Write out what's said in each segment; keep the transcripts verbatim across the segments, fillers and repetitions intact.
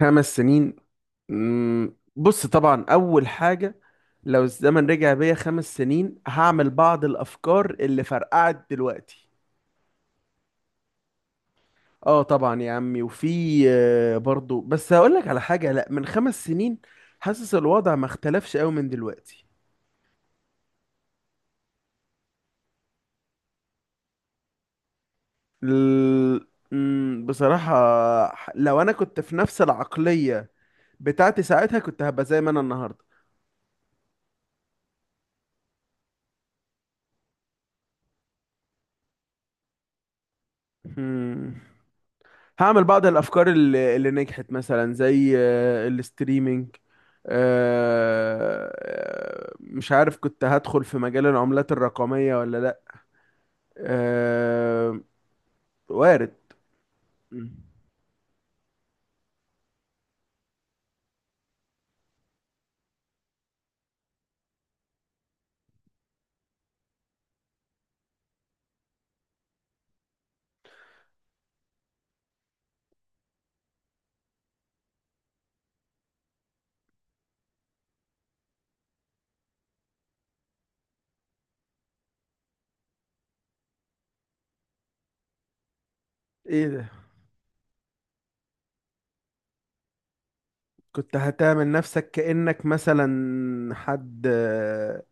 خمس سنين. مم، بص، طبعا اول حاجه. لو الزمن رجع بيا خمس سنين، هعمل بعض الافكار اللي فرقعت دلوقتي. اه، طبعا يا عمي. وفي، آه، برضو، بس هقول لك على حاجه. لا، من خمس سنين حاسس الوضع ما اختلفش قوي من دلوقتي. ال... مم، بصراحه، لو انا كنت في نفس العقليه بتاعتي ساعتها، كنت هبقى زي ما انا النهارده. مم. هعمل بعض الافكار اللي, اللي نجحت، مثلا زي آه، الاستريمينج. آه، مش عارف كنت هدخل في مجال العملات الرقمية ولا لا. آه، وارد. م. ايه ده؟ كنت هتعمل نفسك كأنك مثلا حد آه،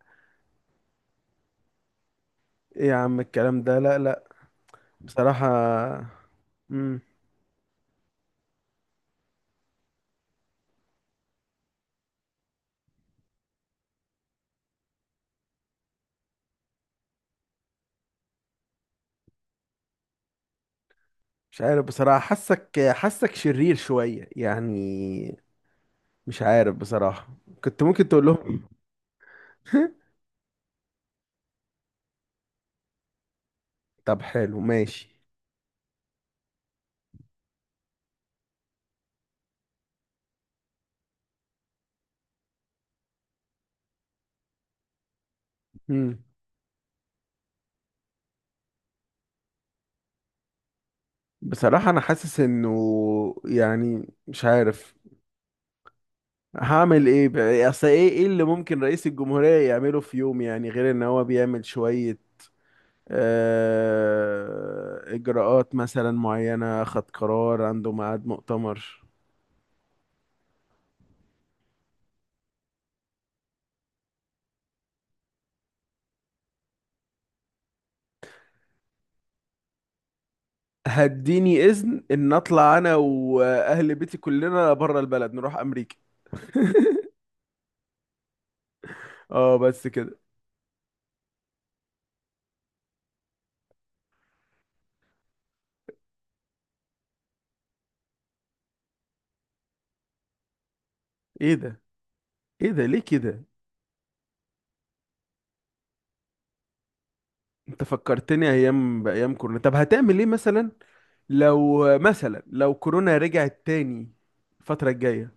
ايه يا عم الكلام ده، لا لا. بصراحة. مم. مش عارف بصراحة، حاسك حاسك شرير شوية يعني. مش عارف بصراحة. كنت ممكن تقول لهم. طب حلو، ماشي. مم. بصراحة أنا حاسس إنه، يعني، مش عارف هعمل إيه بقى؟ أصل إيه إيه اللي ممكن رئيس الجمهورية يعمله في يوم، يعني غير إن هو بيعمل شوية آه إجراءات مثلا معينة، خد قرار، عنده ميعاد مؤتمر. هديني إذن إن أطلع أنا وأهل بيتي كلنا بره البلد نروح أمريكا. آه، بس كده. إيه ده؟ إيه ده ليه كده؟ انت فكرتني ايام بايام كورونا. طب هتعمل ايه مثلا لو مثلا لو كورونا رجعت تاني الفترة الجاية؟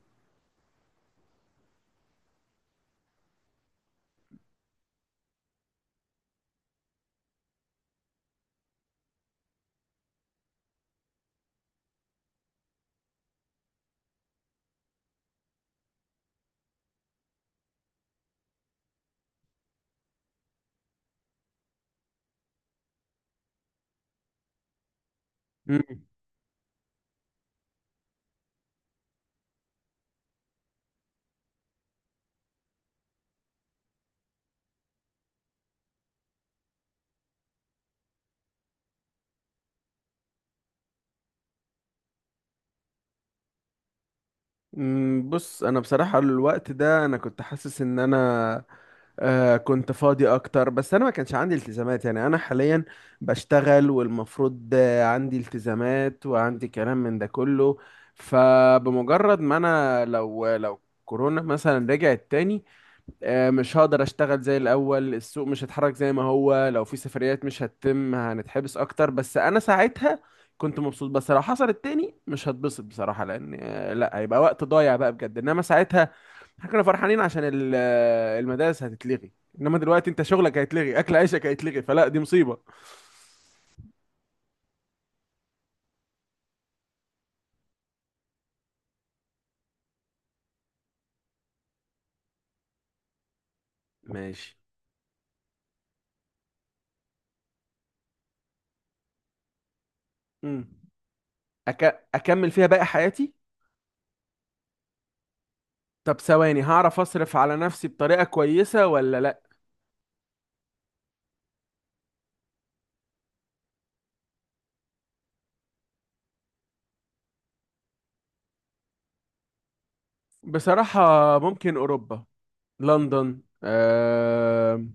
مم. مم، بص، انا بصراحة الوقت ده انا كنت حاسس ان انا آه كنت فاضي اكتر، بس انا ما كانش عندي التزامات. يعني انا حاليا بشتغل والمفروض، آه، عندي التزامات وعندي كلام من ده كله. فبمجرد ما انا، لو لو كورونا مثلا رجعت تاني، آه، مش هقدر اشتغل زي الاول، السوق مش هيتحرك زي ما هو، لو في سفريات مش هتتم، هنتحبس اكتر. بس انا ساعتها كنت مبسوط، بس لو حصلت تاني مش هتبسط بصراحة، لان آه، لا، هيبقى وقت ضايع بقى بجد. انما ساعتها احنا كنا فرحانين عشان ال- آه، المدارس هتتلغي، انما دلوقتي انت شغلك هيتلغي، اكل عيشك هيتلغي، فلا، دي مصيبة. ماشي. امم. أك... اكمل فيها باقي حياتي. طب ثواني، هعرف اصرف على نفسي بطريقة كويسة ولا لا؟ بصراحة، ممكن اوروبا، لندن. آه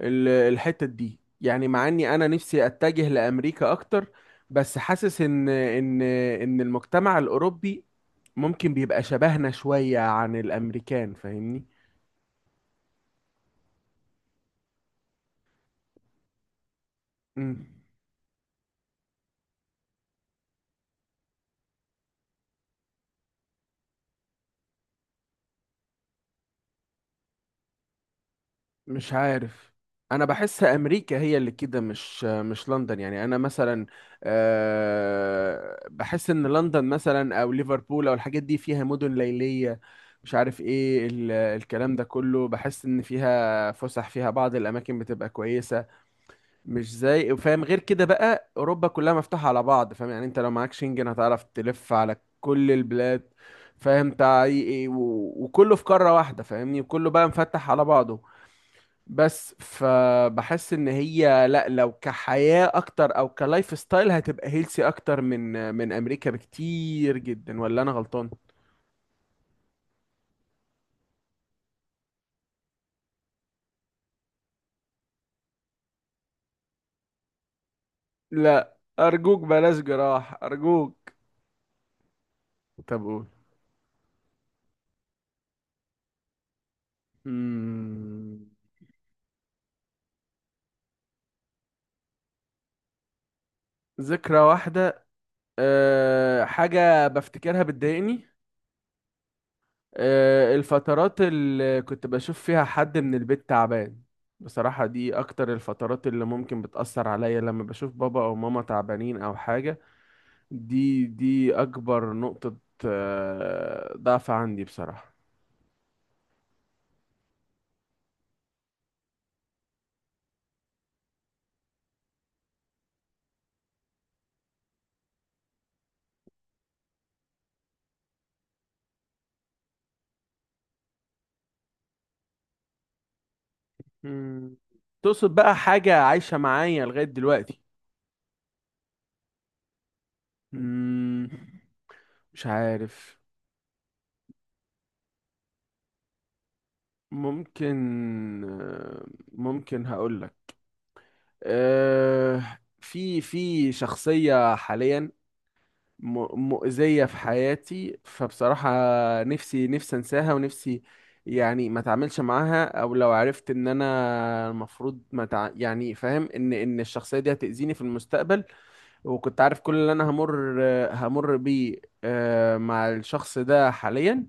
الحتة دي، يعني مع اني انا نفسي اتجه لامريكا اكتر، بس حاسس ان ان ان المجتمع الاوروبي ممكن بيبقى شبهنا شوية عن الامريكان، فاهمني؟ مم. مش عارف، انا بحس امريكا هي اللي كده، مش مش لندن. يعني انا مثلا آه، بحس ان لندن مثلا او ليفربول او الحاجات دي فيها مدن ليلية، مش عارف ايه ال- الكلام ده كله، بحس ان فيها فسح، فيها بعض الاماكن بتبقى كويسة، مش زي، فاهم، غير كده بقى اوروبا كلها مفتوحة على بعض، فاهم يعني انت لو معاك شنجن هتعرف تلف على كل البلاد، فاهم، تع- إيه- و- وكله في قارة واحدة، فاهمني، وكله بقى مفتح على بعضه. بس فبحس ان هي، لا، لو كحياة اكتر او كلايف ستايل هتبقى هيلسي اكتر من من امريكا بكتير جدا، ولا انا غلطان؟ لا ارجوك، بلاش جراح، ارجوك. طب قول. مم، ذكرى واحدة. أه، حاجة بفتكرها بتضايقني. أه، الفترات اللي كنت بشوف فيها حد من البيت تعبان. بصراحة، دي اكتر الفترات اللي ممكن بتأثر عليا، لما بشوف بابا او ماما تعبانين او حاجة. دي دي اكبر نقطة، آه، ضعف عندي بصراحة. مم. تقصد بقى حاجة عايشة معايا لغاية دلوقتي؟ مم. مش عارف. ممكن آه، ممكن هقولك. آه، في في شخصية حاليا م- مؤذية في حياتي، فبصراحة نفسي، نفسي انساها، ونفسي يعني ما اتعاملش معاها، او لو عرفت ان انا المفروض، ما تع... يعني فاهم ان ان الشخصية دي هتأذيني في المستقبل، وكنت عارف كل اللي انا همر همر بيه آه، مع الشخص ده حاليا،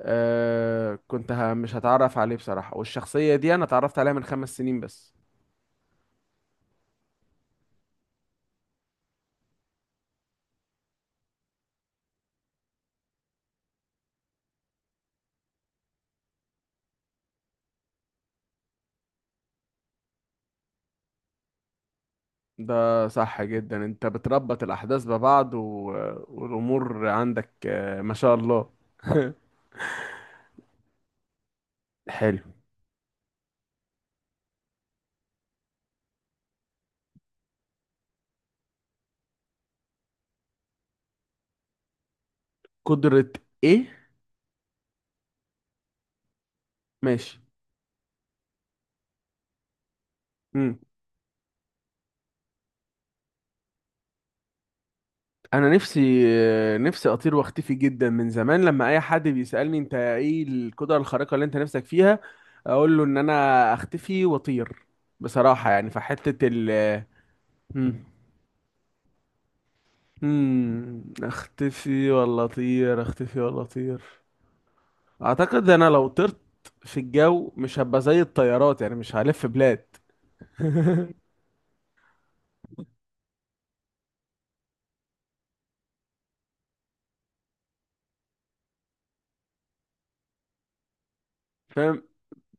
آه، كنت ه- مش هتعرف عليه بصراحة. والشخصية دي انا اتعرفت عليها من خمس سنين بس. ده صح جدا، انت بتربط الاحداث ببعض و... والامور عندك، آه، ما شاء الله. حلو. قدرة؟ ايه؟ ماشي. مم. انا نفسي، آه، نفسي اطير واختفي جدا من زمان. لما اي حد بيسألني انت ايه القدرة الخارقة اللي انت نفسك فيها، اقول له ان انا اختفي واطير. بصراحة يعني في حتة ال آه، مم. مم. اختفي ولا اطير؟ اختفي ولا اطير؟ اعتقد انا لو طرت في الجو، مش هبقى زي الطيارات، يعني مش هلف بلاد. فاهم،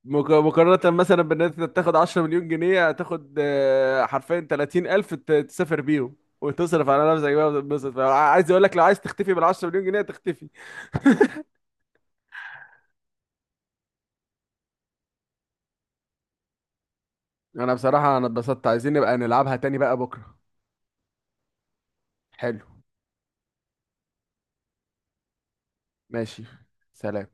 مك- مقارنة مثلا بان انت تاخد عشر مليون جنيه، هتاخد آه، حرفيا تلاتين الف ت- تسافر بيهم وتصرف على نفسك بقى وتتبسط. عايز اقول لك، لو عايز تختفي بال عشر مليون جنيه تختفي. انا بصراحة انا اتبسطت، عايزين نبقى نلعبها تاني بقى بكرة. حلو. ماشي، سلام.